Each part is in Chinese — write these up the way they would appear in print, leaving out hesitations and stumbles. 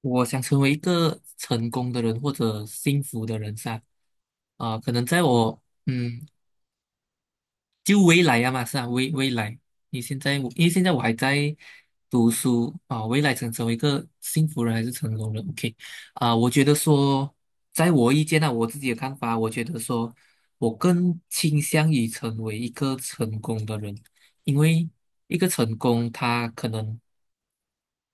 我想成为一个成功的人或者幸福的人噻，啊、可能在我就未来呀嘛，是啊，未来，你现在我因为现在我还在读书啊、未来想成为一个幸福人还是成功人？OK，啊、我觉得说，在我意见呢、我自己的看法，我觉得说我更倾向于成为一个成功的人，因为一个成功，他可能。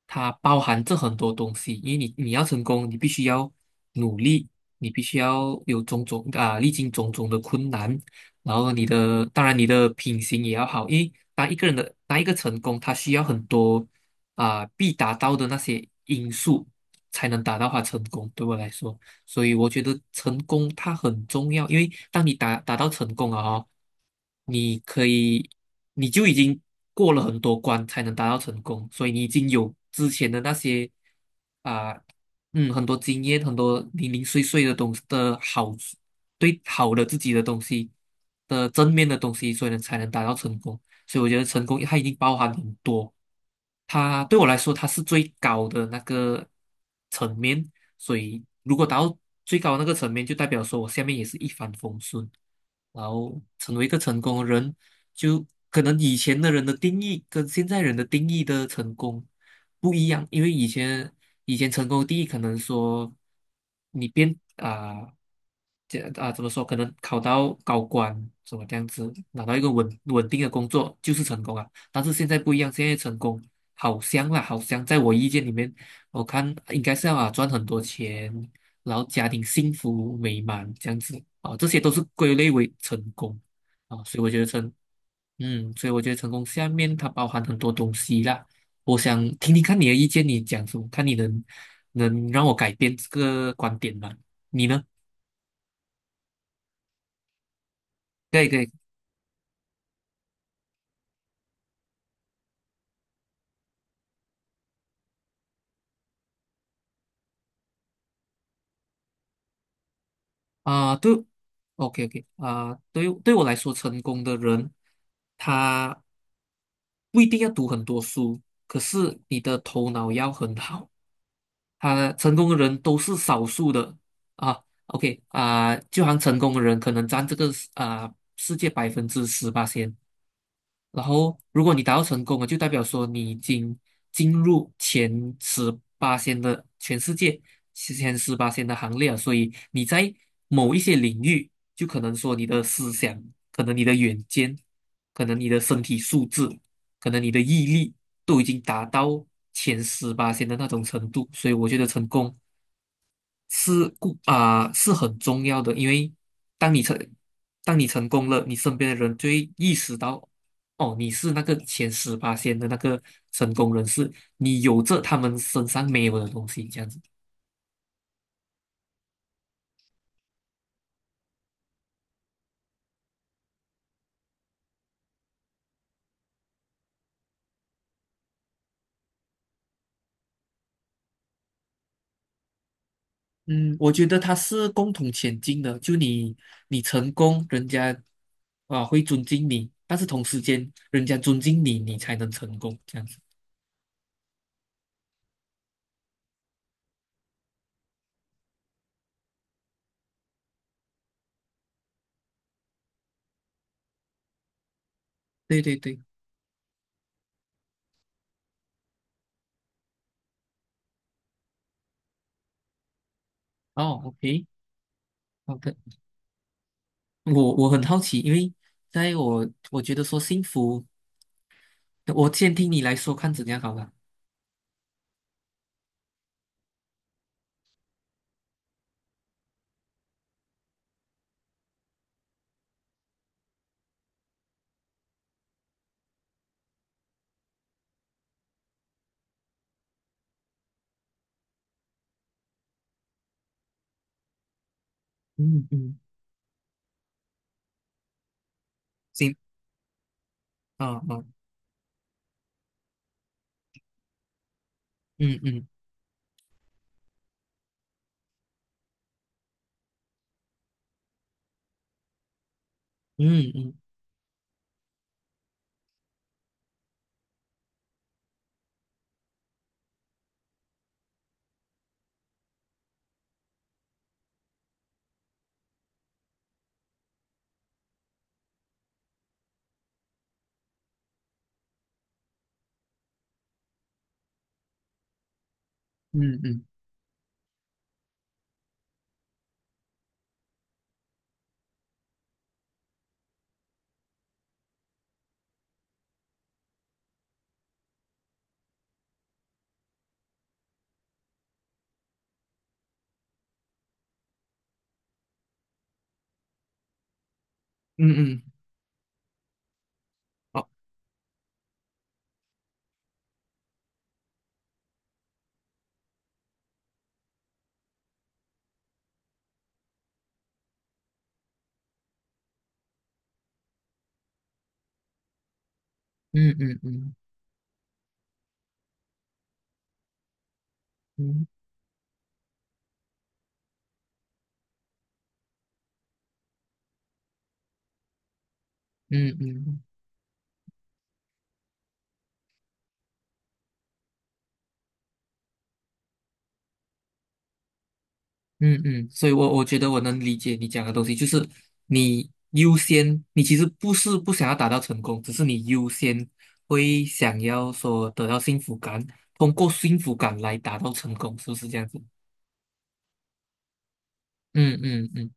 它包含着很多东西，因为你要成功，你必须要努力，你必须要有种种啊，历经种种的困难，然后你的当然你的品行也要好，因为当一个人的当一个成功，他需要很多啊必达到的那些因素才能达到他成功。对我来说。所以我觉得成功它很重要，因为当你达到成功了哦，你可以你就已经过了很多关才能达到成功，所以你已经有之前的那些啊、嗯很多经验，很多零零碎碎的东西的好处，对好的自己的东西的正面的东西，所以呢才能达到成功。所以我觉得成功它已经包含很多。它对我来说，它是最高的那个层面，所以如果达到最高的那个层面，就代表说我下面也是一帆风顺，然后成为一个成功的人，就可能以前的人的定义跟现在人的定义的成功不一样，因为以前成功的定义可能说你变啊。这啊，怎么说？可能考到高官，什么这样子，拿到一个稳稳定的工作就是成功啊。但是现在不一样，现在成功好香啦，好香！在我意见里面，我看应该是要啊赚很多钱，然后家庭幸福美满这样子啊，这些都是归类为成功啊，所以我觉得成，嗯，所以我觉得成功下面它包含很多东西啦。我想听听看你的意见，你讲什么？看你能让我改变这个观点吗？你呢？可以可以啊，对，OK OK 啊，对于对我来说，成功的人他。不一定要读很多书，可是你的头脑要很好。他成功的人都是少数的啊。OK 啊、就好像成功的人可能占这个啊、世界18%先，然后如果你达到成功了，就代表说你已经进入前十八线的全世界前十八线的行列了。所以你在某一些领域，就可能说你的思想，可能你的远见，可能你的身体素质，可能你的毅力，都已经达到前十八线的那种程度。所以我觉得成功是故啊、是很重要的，因为当你成当你成功了，你身边的人就会意识到，哦，你是那个前十八线的那个成功人士，你有着他们身上没有的东西，这样子。嗯，我觉得他是共同前进的，就你你成功，人家啊会尊敬你，但是同时间人家尊敬你，你才能成功，这样子。对对对，哦，OK，好的。我很好奇，因为在我觉得说幸福。我先听你来说，看怎样好了。嗯嗯，行，哦哦，嗯嗯嗯嗯嗯嗯嗯嗯，好嗯嗯嗯嗯嗯嗯嗯嗯，所以我觉得我能理解你讲的东西，就是你优先，你其实不是不想要达到成功，只是你优先会想要说得到幸福感，通过幸福感来达到成功，是不是这样子？嗯嗯嗯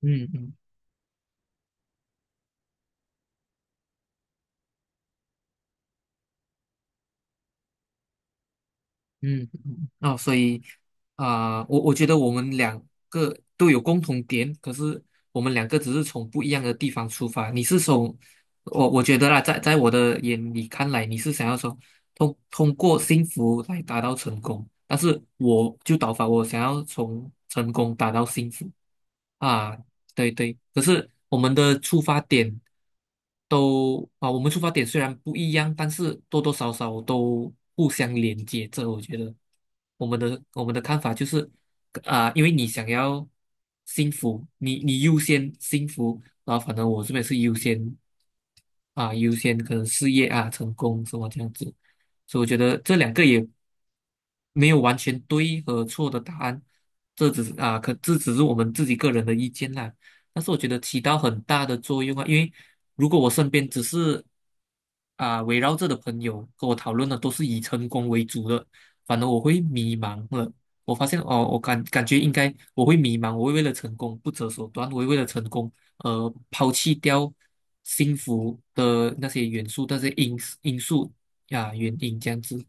嗯嗯嗯，哦，所以啊、我觉得我们两个都有共同点，可是我们两个只是从不一样的地方出发。你是从我觉得啦，在我的眼里看来，你是想要说通过幸福来达到成功，但是我就倒反，我想要从成功达到幸福啊，对对。可是我们的出发点。都啊，我们出发点虽然不一样，但是多多少少都互相连接着。我觉得我们的我们的看法就是，啊、因为你想要幸福，你优先幸福，然后反正我这边是优先啊，优先可能事业啊、成功什么这样子，所以我觉得这两个也没有完全对和错的答案，这只是啊，可这只是我们自己个人的意见啦。但是我觉得起到很大的作用啊，因为如果我身边只是啊、围绕着的朋友跟我讨论的都是以成功为主的，反而我会迷茫了。我发现哦，我感觉应该我会迷茫，我会为了成功不择手段，我会为了成功抛弃掉幸福的那些元素、那些因素呀、原因这样子。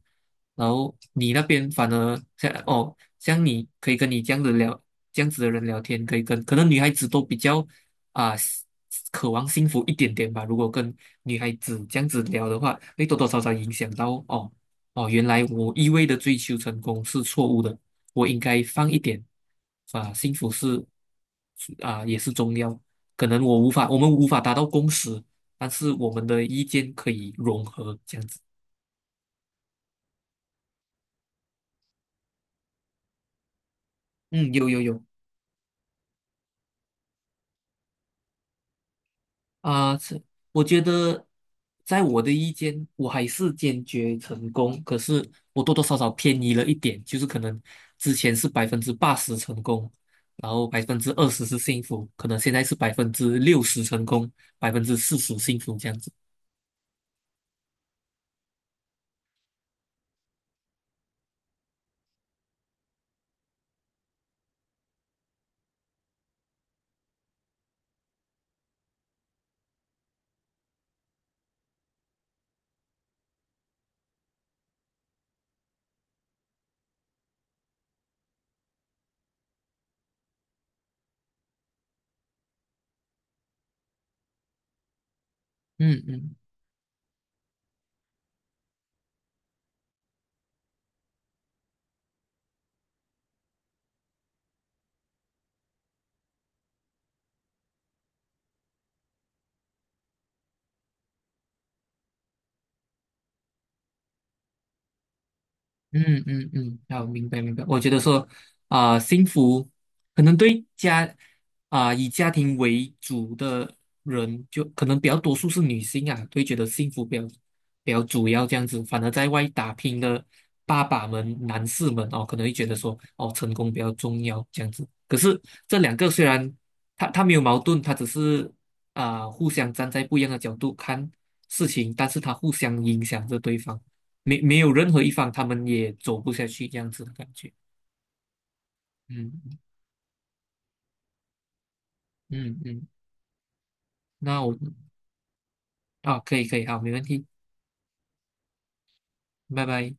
然后你那边反而像哦，像你可以跟你这样子聊，这样子的人聊天，可以跟可能女孩子都比较啊、渴望幸福一点点吧。如果跟女孩子这样子聊的话，会多多少少影响到哦哦，原来我一味的追求成功是错误的，我应该放一点啊，幸福是啊也是重要。可能我无法，我们无法达到共识，但是我们的意见可以融合，这样子。嗯，有有有。啊，是，我觉得，在我的意见，我还是坚决成功，可是我多多少少偏移了一点，就是可能之前是80%成功，然后20%是幸福，可能现在是60%成功，40%幸福这样子。嗯嗯。嗯嗯嗯，好，明白明白。我觉得说，啊、幸福可能对家啊、以家庭为主的人，就可能比较多数是女性啊，会觉得幸福比较主要这样子。反而在外打拼的爸爸们、男士们哦，可能会觉得说，哦，成功比较重要这样子。可是这两个虽然他没有矛盾，他只是啊、互相站在不一样的角度看事情，但是他互相影响着对方。没有任何一方他们也走不下去这样子的感觉。嗯嗯嗯，那我啊，可以可以，好，没问题，拜拜。